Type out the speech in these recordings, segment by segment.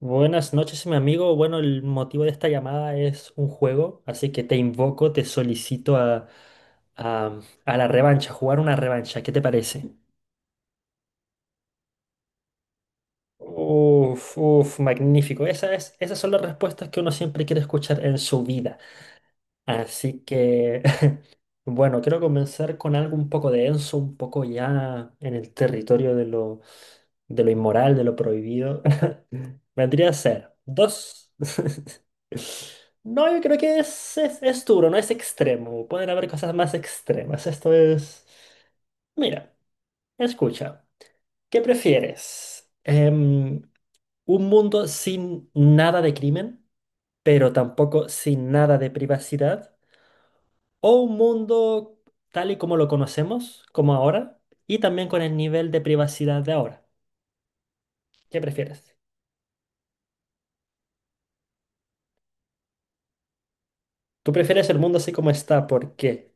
Buenas noches, mi amigo. Bueno, el motivo de esta llamada es un juego, así que te invoco, te solicito a, a la revancha, jugar una revancha. ¿Qué te parece? Uf, uf, magnífico. Esas son las respuestas que uno siempre quiere escuchar en su vida. Así que Bueno, quiero comenzar con algo un poco denso, un poco ya en el territorio de de lo inmoral, de lo prohibido. Vendría a ser dos. No, yo creo que es duro, no es extremo. Pueden haber cosas más extremas. Esto es... Mira, escucha. ¿Qué prefieres? ¿Un mundo sin nada de crimen, pero tampoco sin nada de privacidad? ¿O un mundo tal y como lo conocemos, como ahora, y también con el nivel de privacidad de ahora? ¿Qué prefieres? ¿Tú prefieres el mundo así como está? ¿Por qué?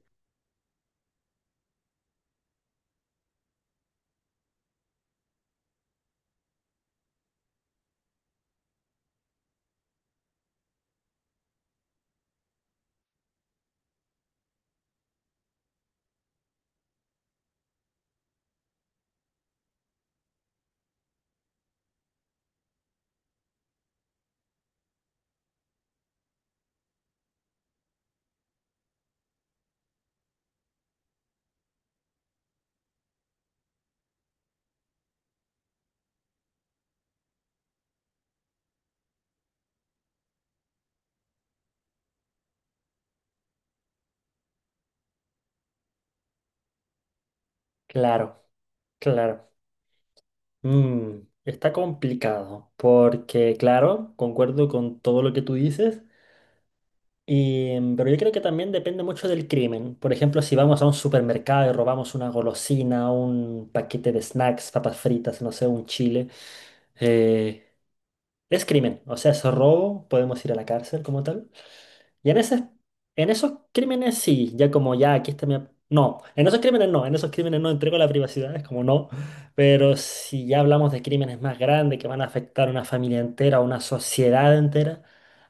Claro, claro. Mm, está complicado, porque claro, concuerdo con todo lo que tú dices, y, pero yo creo que también depende mucho del crimen. Por ejemplo, si vamos a un supermercado y robamos una golosina, un paquete de snacks, papas fritas, no sé, un chile. eh, Es crimen, o sea, es robo, podemos ir a la cárcel como tal. Y en en esos crímenes sí, ya como ya aquí está no, en esos crímenes no, en esos crímenes no entrego la privacidad, es como no. Pero si ya hablamos de crímenes más grandes que van a afectar a una familia entera, a una sociedad entera,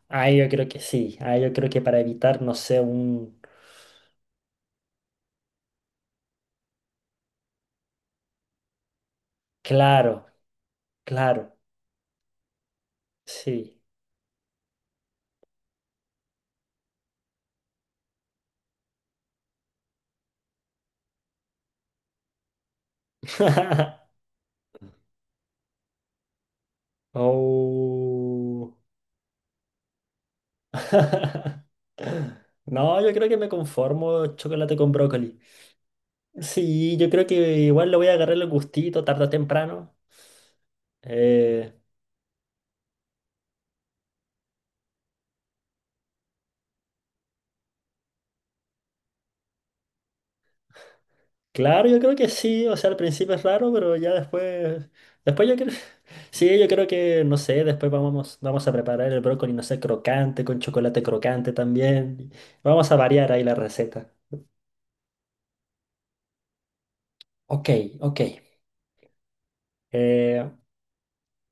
ahí yo creo que sí, ahí yo creo que para evitar, no sé, un... Claro, claro, sí. Oh. No, yo creo que me conformo chocolate con brócoli. Sí, yo creo que igual le voy a agarrar el gustito tarde o temprano. Eh, claro, yo creo que sí, o sea, al principio es raro, pero ya después, después yo creo, sí, yo creo que, no sé, después vamos a preparar el brócoli, no sé, crocante, con chocolate crocante también. Vamos a variar ahí la receta. Ok, ok. Eh,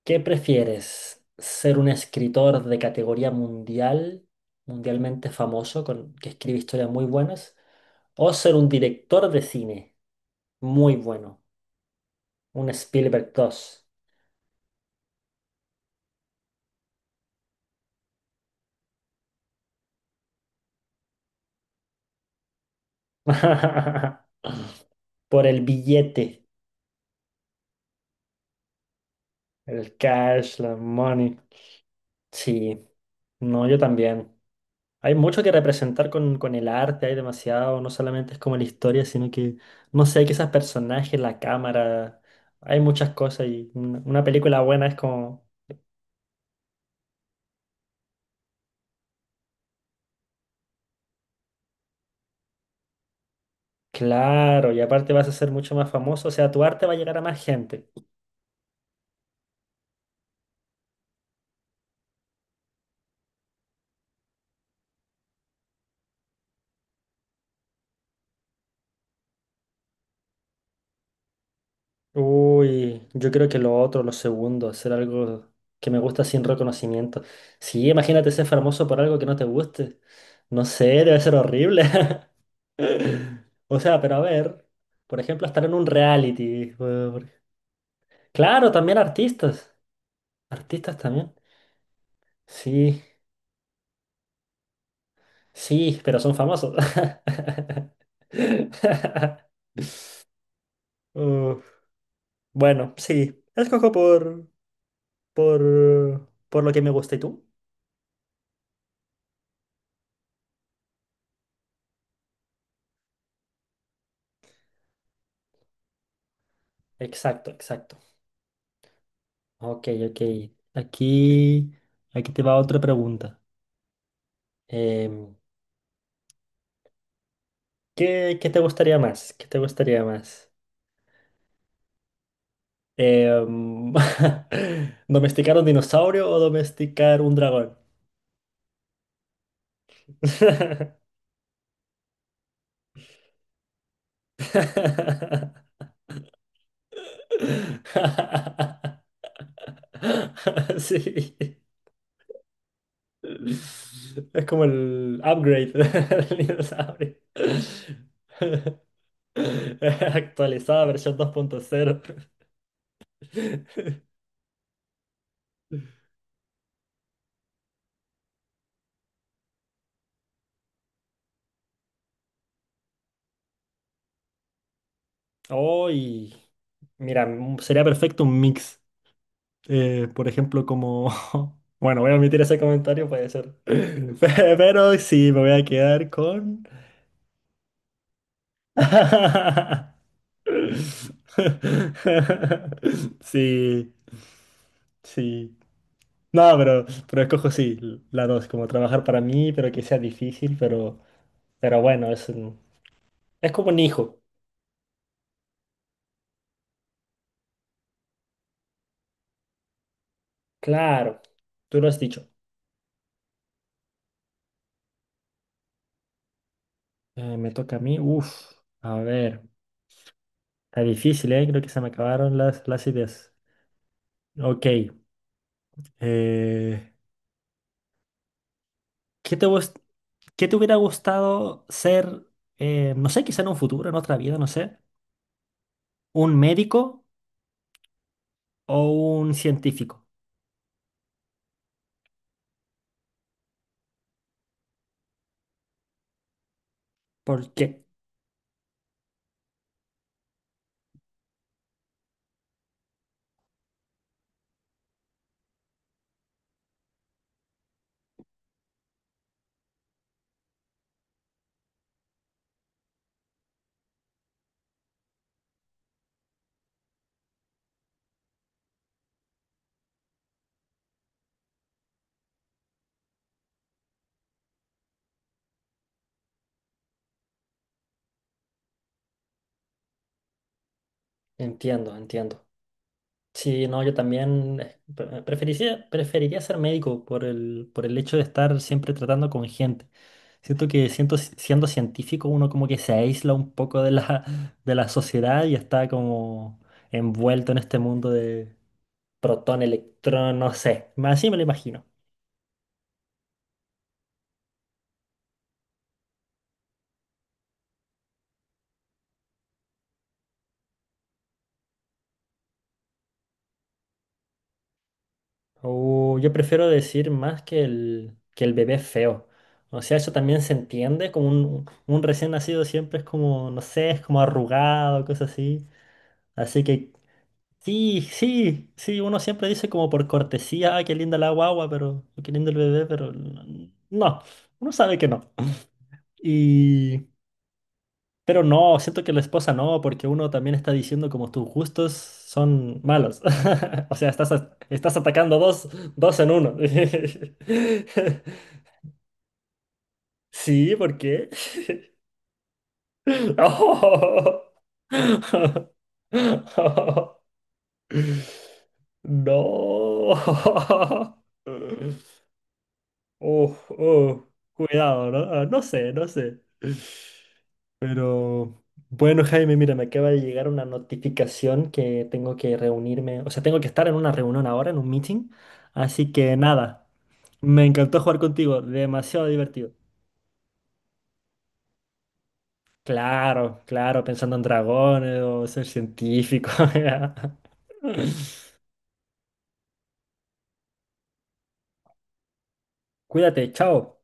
¿Qué prefieres? ¿Ser un escritor de categoría mundial, mundialmente famoso, que escribe historias muy buenas? ¿O ser un director de cine muy bueno? Un Spielberg dos. Por el billete, el cash, la money. Sí, no, yo también. Hay mucho que representar con el arte, hay demasiado, no solamente es como la historia, sino que, no sé, quizás personajes, la cámara, hay muchas cosas y una película buena es como... Claro, y aparte vas a ser mucho más famoso, o sea, tu arte va a llegar a más gente. Uy, yo creo que lo otro, lo segundo, hacer algo que me gusta sin reconocimiento. Sí, imagínate ser famoso por algo que no te guste. No sé, debe ser horrible. O sea, pero a ver, por ejemplo, estar en un reality. Claro, también artistas. Artistas también. Sí, sí, pero son famosos. Uh, bueno, sí, escojo por lo que me gusta. ¿Y tú? Exacto, exacto. Ok, ok. Aquí, aquí te va otra pregunta. Em, qué te gustaría más? ¿Qué te gustaría más? Em, ¿domesticar un dinosaurio o domesticar un dragón? Sí. Es como el upgrade del dinosaurio. Actualizada versión 2.0. Hoy, mira, sería perfecto un mix. Por ejemplo, como... Bueno, voy a omitir ese comentario, puede ser. Pero sí, me voy a quedar con... Sí, sí. No, pero escojo sí, la dos, como trabajar para mí, pero que sea difícil, pero bueno, es como un hijo. Claro, tú lo has dicho. Me toca a mí. Uf, a ver. Está difícil, ¿eh? Creo que se me acabaron las ideas. Ok. eh, ¿qué te, gust- qué te hubiera gustado ser, no sé, quizá en un futuro, en otra vida, no sé, un médico o un científico? ¿Por qué? Entiendo, entiendo. Sí, no, yo también preferiría, preferiría ser médico por el hecho de estar siempre tratando con gente. Siento que siendo científico uno como que se aísla un poco de la, de la sociedad y está como envuelto en este mundo de protón, electrón, no sé. Más así me lo imagino. O yo prefiero decir más que que el bebé feo. O sea, eso también se entiende, como un recién nacido siempre es como, no sé, es como arrugado, cosas así. Así que sí, sí, sí, uno siempre dice como por cortesía, ah, qué linda la guagua, pero, o qué lindo el bebé, no, uno sabe que no. Y, pero no, siento que la esposa no, porque uno también está diciendo como tus gustos son malos. O sea, estás atacando dos, dos en uno. Sí, ¿por qué? Oh. No. Uf, uf, cuidado, ¿no? Ah, no sé, no sé. Pero bueno, Jaime, mira, me acaba de llegar una notificación que tengo que reunirme, o sea, tengo que estar en una reunión ahora, en un meeting. Así que nada, me encantó jugar contigo, demasiado divertido. Claro, claro, pensando en dragones o ser científico. Cuídate, chao.